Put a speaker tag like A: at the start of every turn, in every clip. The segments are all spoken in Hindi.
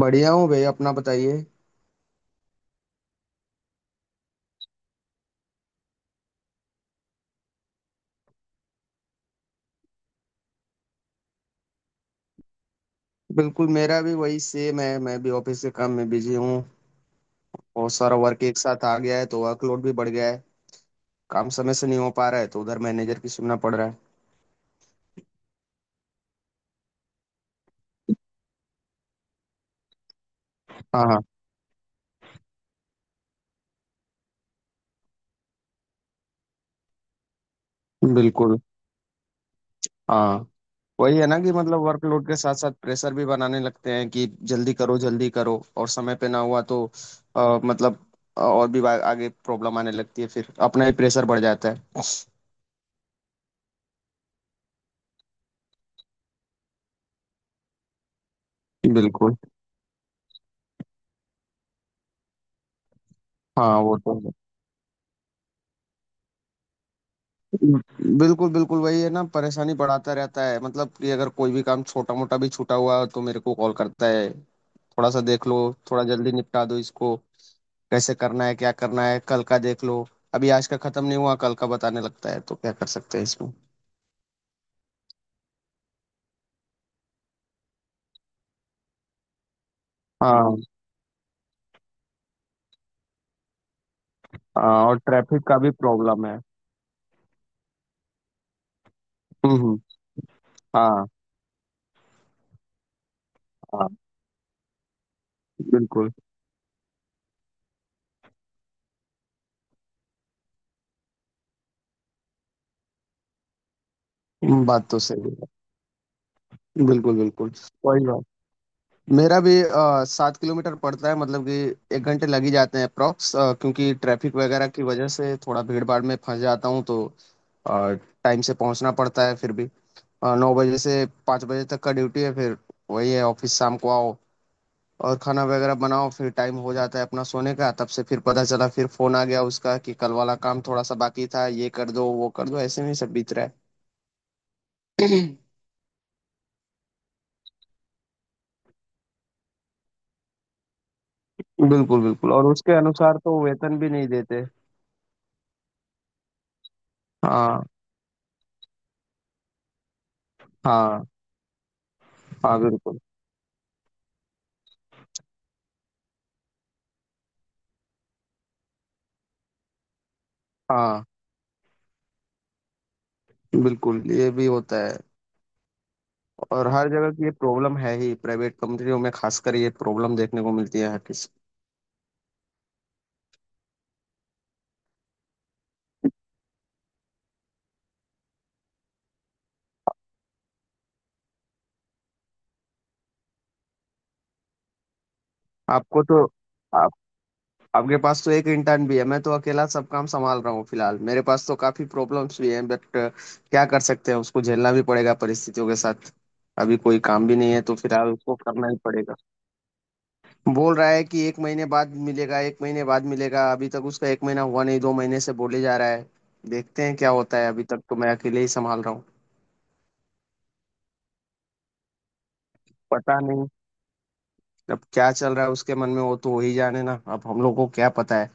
A: बढ़िया हूँ भैया अपना बताइए। बिल्कुल मेरा भी वही सेम है। मैं भी ऑफिस के काम में बिजी हूँ। बहुत सारा वर्क एक साथ आ गया है तो वर्कलोड भी बढ़ गया है। काम समय से नहीं हो पा रहा है तो उधर मैनेजर की सुनना पड़ रहा है। हाँ हाँ। बिल्कुल। हाँ। वही है ना कि मतलब वर्कलोड के साथ साथ प्रेशर भी बनाने लगते हैं कि जल्दी करो जल्दी करो, और समय पे ना हुआ तो मतलब और भी आगे प्रॉब्लम आने लगती है, फिर अपना ही प्रेशर बढ़ जाता है। बिल्कुल। हाँ वो तो है। बिल्कुल बिल्कुल वही है ना, परेशानी बढ़ाता रहता है। मतलब कि अगर कोई भी काम छोटा मोटा भी छूटा हुआ तो मेरे को कॉल करता है। थोड़ा सा देख लो, थोड़ा जल्दी निपटा दो इसको, कैसे करना है, क्या करना है, कल का देख लो। अभी आज का खत्म नहीं हुआ, कल का बताने लगता है। तो क्या कर सकते हैं इसमें। हाँ हाँ, और ट्रैफिक का भी प्रॉब्लम है। हम्म हम्म, हाँ हाँ बिल्कुल। बात तो सही है। बिल्कुल बिल्कुल। वही बात। मेरा भी 7 किलोमीटर पड़ता है, मतलब कि 1 घंटे लग ही जाते हैं अप्रॉक्स, क्योंकि ट्रैफिक वगैरह की वजह से थोड़ा भीड़ भाड़ में फंस जाता हूँ, तो टाइम से पहुंचना पड़ता है फिर भी। 9 बजे से 5 बजे तक का ड्यूटी है। फिर वही है, ऑफिस शाम को आओ और खाना वगैरह बनाओ, फिर टाइम हो जाता है अपना सोने का। तब से फिर पता चला फिर फोन आ गया उसका कि कल वाला काम थोड़ा सा बाकी था, ये कर दो वो कर दो। ऐसे में ही सब बीत रहा है। बिल्कुल बिल्कुल, और उसके अनुसार तो वेतन भी नहीं देते। हाँ हाँ। हाँ बिल्कुल। हाँ बिल्कुल ये भी होता है। और हर जगह की ये प्रॉब्लम है ही, प्राइवेट कंपनियों में खासकर ये प्रॉब्लम देखने को मिलती है हर किसी। आपको तो, आप, आपके पास तो एक इंटर्न भी है, मैं तो अकेला सब काम संभाल रहा हूँ फिलहाल। मेरे पास तो काफी प्रॉब्लम्स भी हैं, बट क्या कर सकते हैं, उसको झेलना भी पड़ेगा परिस्थितियों के साथ। अभी कोई काम भी नहीं है तो फिलहाल उसको करना ही पड़ेगा। बोल रहा है कि 1 महीने बाद मिलेगा, 1 महीने बाद मिलेगा। अभी तक उसका 1 महीना हुआ नहीं, 2 महीने से बोले जा रहा है। देखते हैं क्या होता है, अभी तक तो मैं अकेले ही संभाल रहा हूँ। पता नहीं। अब क्या चल रहा है उसके मन में, वो तो वही जाने ना, अब हम लोग को क्या पता है।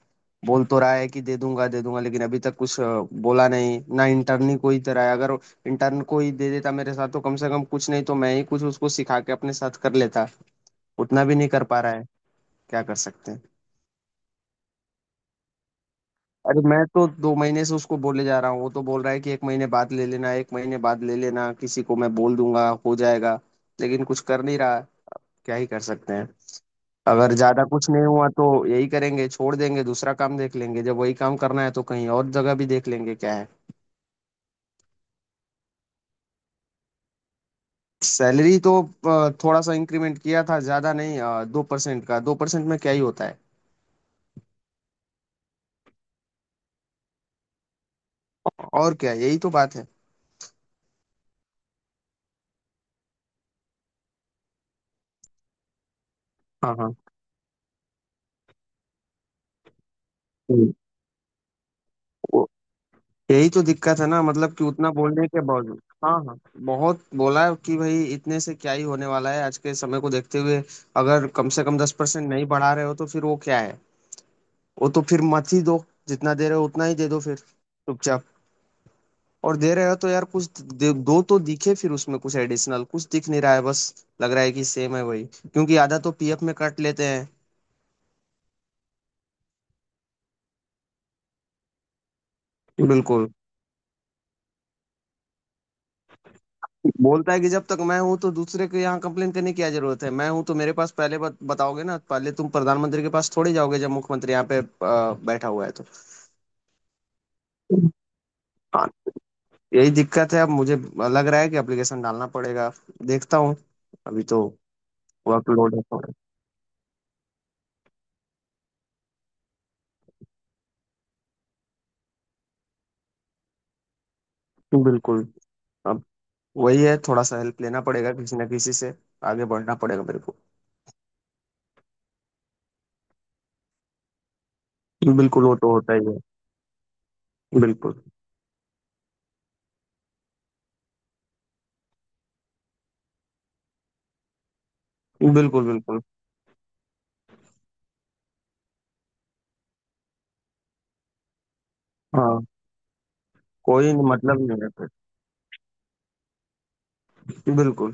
A: बोल तो रहा है कि दे दूंगा दे दूंगा, लेकिन अभी तक कुछ बोला नहीं ना। इंटर्न ही कोई तरह है, अगर इंटर्न को ही दे देता मेरे साथ तो कम से कम, कुछ नहीं तो मैं ही कुछ उसको सिखा के अपने साथ कर लेता। उतना भी नहीं कर पा रहा है। क्या कर सकते हैं। अरे मैं तो 2 महीने से उसको बोले जा रहा हूँ, वो तो बोल रहा है कि एक महीने बाद ले लेना, 1 महीने बाद ले लेना, किसी को मैं बोल दूंगा हो जाएगा। लेकिन कुछ कर नहीं रहा। क्या ही कर सकते हैं। अगर ज्यादा कुछ नहीं हुआ तो यही करेंगे, छोड़ देंगे दूसरा काम देख लेंगे। जब वही काम करना है तो कहीं और जगह भी देख लेंगे, क्या है। सैलरी तो थोड़ा सा इंक्रीमेंट किया था, ज्यादा नहीं। 2% का, 2% में क्या ही होता है। और क्या, यही तो बात है। हाँ हाँ। हम्म। वो- यही तो दिक्कत है ना, मतलब कि उतना बोलने के बावजूद, हाँ हाँ। बहुत बोला कि भाई इतने से क्या ही होने वाला है, आज के समय को देखते हुए। अगर कम से कम 10% नहीं बढ़ा रहे हो तो फिर वो क्या है। वो तो फिर मत ही दो, जितना दे रहे हो उतना ही दे दो फिर चुपचाप। और दे रहे हो तो यार कुछ दो तो दिखे। फिर उसमें कुछ एडिशनल कुछ दिख नहीं रहा है, बस लग रहा है कि सेम है वही, क्योंकि आधा तो पीएफ में कट लेते हैं। बिल्कुल। बोलता है कि जब तक मैं हूं तो दूसरे के यहाँ कंप्लेन करने की क्या जरूरत है, मैं हूं तो मेरे पास पहले बताओगे ना। पहले तुम प्रधानमंत्री के पास थोड़ी जाओगे, जब मुख्यमंत्री यहाँ पे बैठा हुआ है तो। हाँ। यही दिक्कत है, अब मुझे लग रहा है कि एप्लीकेशन डालना पड़ेगा। देखता हूँ, अभी तो वर्कलोड है थोड़ा। बिल्कुल। अब वही है, थोड़ा सा हेल्प लेना पड़ेगा किसी ना किसी से, आगे बढ़ना पड़ेगा मेरे को। बिल्कुल वो तो होता ही है। बिल्कुल। बिल्कुल बिल्कुल। हाँ। कोई मतलब नहीं है फिर। बिल्कुल।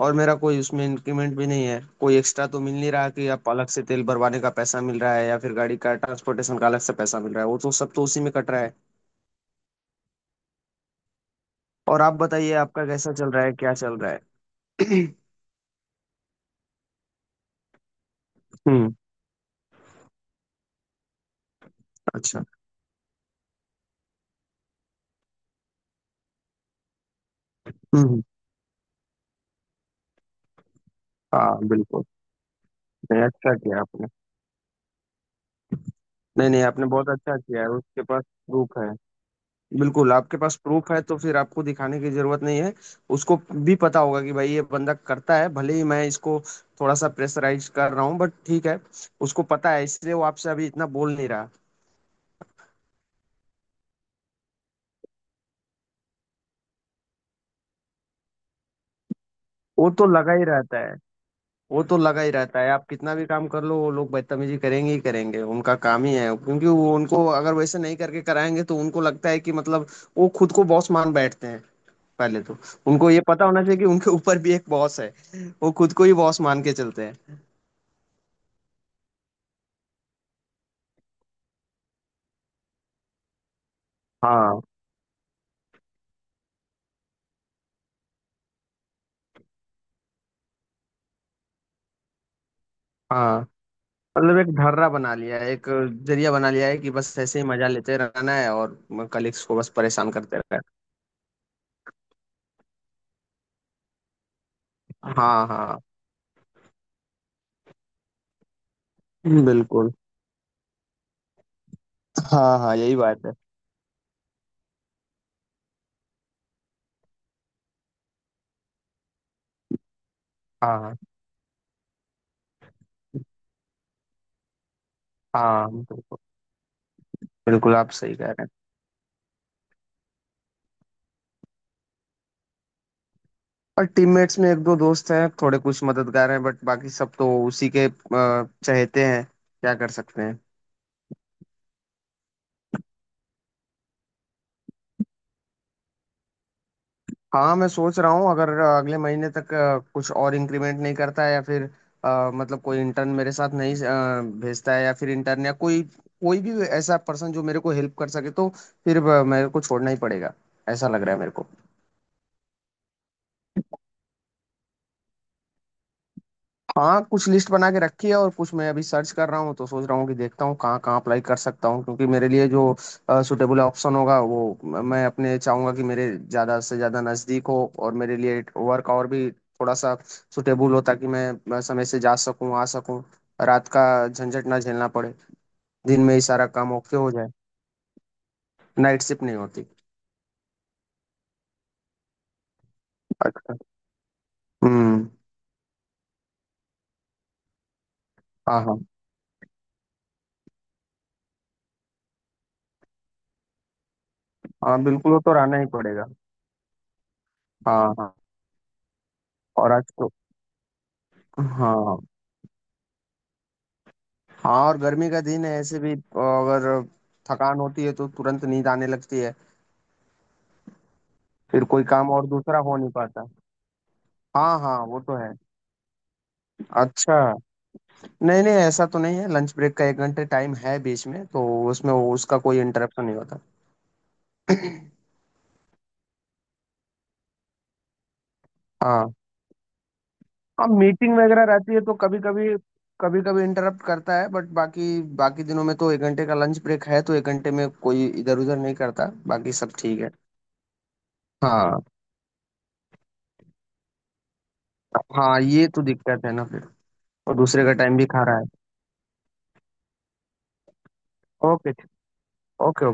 A: और मेरा कोई उसमें इंक्रीमेंट भी नहीं है, कोई एक्स्ट्रा तो मिल नहीं रहा कि आप अलग से तेल भरवाने का पैसा मिल रहा है या फिर गाड़ी का ट्रांसपोर्टेशन का अलग से पैसा मिल रहा है। वो तो सब तो उसी में कट रहा है। और आप बताइए आपका कैसा चल रहा है, क्या चल रहा है। हम्म। अच्छा। हम्म। हाँ बिल्कुल। नहीं अच्छा किया आपने। नहीं नहीं, आपने बहुत अच्छा किया है, उसके पास प्रूफ है। बिल्कुल आपके पास प्रूफ है तो फिर आपको दिखाने की जरूरत नहीं है। उसको भी पता होगा कि भाई ये बंदा करता है, भले ही मैं इसको थोड़ा सा प्रेशराइज कर रहा हूँ बट ठीक है। उसको पता है इसलिए वो आपसे अभी इतना बोल नहीं रहा। वो तो लगा ही रहता है। वो तो लगा ही रहता है, आप कितना भी काम कर लो वो लोग बदतमीजी करेंगे ही करेंगे, उनका काम ही है। क्योंकि वो उनको अगर वैसे नहीं करके कराएंगे तो उनको लगता है कि, मतलब वो खुद को बॉस मान बैठते हैं। पहले तो उनको ये पता होना चाहिए कि उनके ऊपर भी एक बॉस है। वो खुद को ही बॉस मान के चलते हैं। हाँ हाँ। मतलब एक ढर्रा बना लिया है, एक जरिया बना लिया है कि बस ऐसे ही मजा लेते रहना है और कलीग्स को बस परेशान करते रहना है। हाँ हाँ बिल्कुल। हाँ हाँ यही बात है। हाँ हाँ। बिल्कुल बिल्कुल आप सही कह रहे हैं। और टीममेट्स में एक दो दोस्त हैं, थोड़े कुछ मददगार हैं, बट बाकी सब तो उसी के चहेते हैं। क्या कर सकते हैं। हाँ मैं सोच रहा हूँ, अगर अगले महीने तक कुछ और इंक्रीमेंट नहीं करता है या फिर मतलब कोई इंटर्न मेरे साथ नहीं भेजता है, या फिर इंटर्न या कोई, कोई भी ऐसा पर्सन जो मेरे को हेल्प कर सके, तो फिर मेरे को छोड़ना ही पड़ेगा, ऐसा लग रहा है मेरे को। हाँ कुछ लिस्ट बना के रखी है और कुछ मैं अभी सर्च कर रहा हूँ, तो सोच रहा हूँ कि देखता हूँ कहाँ कहाँ अप्लाई कर सकता हूँ, क्योंकि मेरे लिए जो सुटेबल ऑप्शन होगा वो मैं अपने चाहूंगा कि मेरे ज़्यादा से ज़्यादा नज़दीक हो और मेरे लिए वर्क और भी थोड़ा सा सुटेबल हो, ताकि मैं समय से जा सकूँ आ सकूँ, रात का झंझट ना झेलना पड़े, दिन में ही सारा काम ओके हो जाए। नाइट शिफ्ट नहीं होती। अच्छा। हम्म। हाँ हाँ। हाँ बिल्कुल वो तो रहना ही पड़ेगा। हाँ हाँ। और आज तो, हाँ हाँ, और गर्मी का दिन है, ऐसे भी अगर थकान होती है तो तुरंत नींद आने लगती है, फिर कोई काम और दूसरा हो नहीं पाता। हाँ हाँ वो तो है। अच्छा। नहीं नहीं ऐसा तो नहीं है, लंच ब्रेक का 1 घंटे टाइम है बीच में, तो उसमें उसका कोई इंटरप्शन नहीं होता। हाँ हाँ, मीटिंग वगैरह रहती है तो कभी कभी, कभी कभी इंटरप्ट करता है, बट बाकी, बाकी दिनों में तो 1 घंटे का लंच ब्रेक है, तो एक घंटे में कोई इधर उधर नहीं करता। बाकी सब ठीक है। हाँ हाँ ये तो दिक्कत है ना फिर। और दूसरे का टाइम भी खा रहा है। ओके। Okay okay.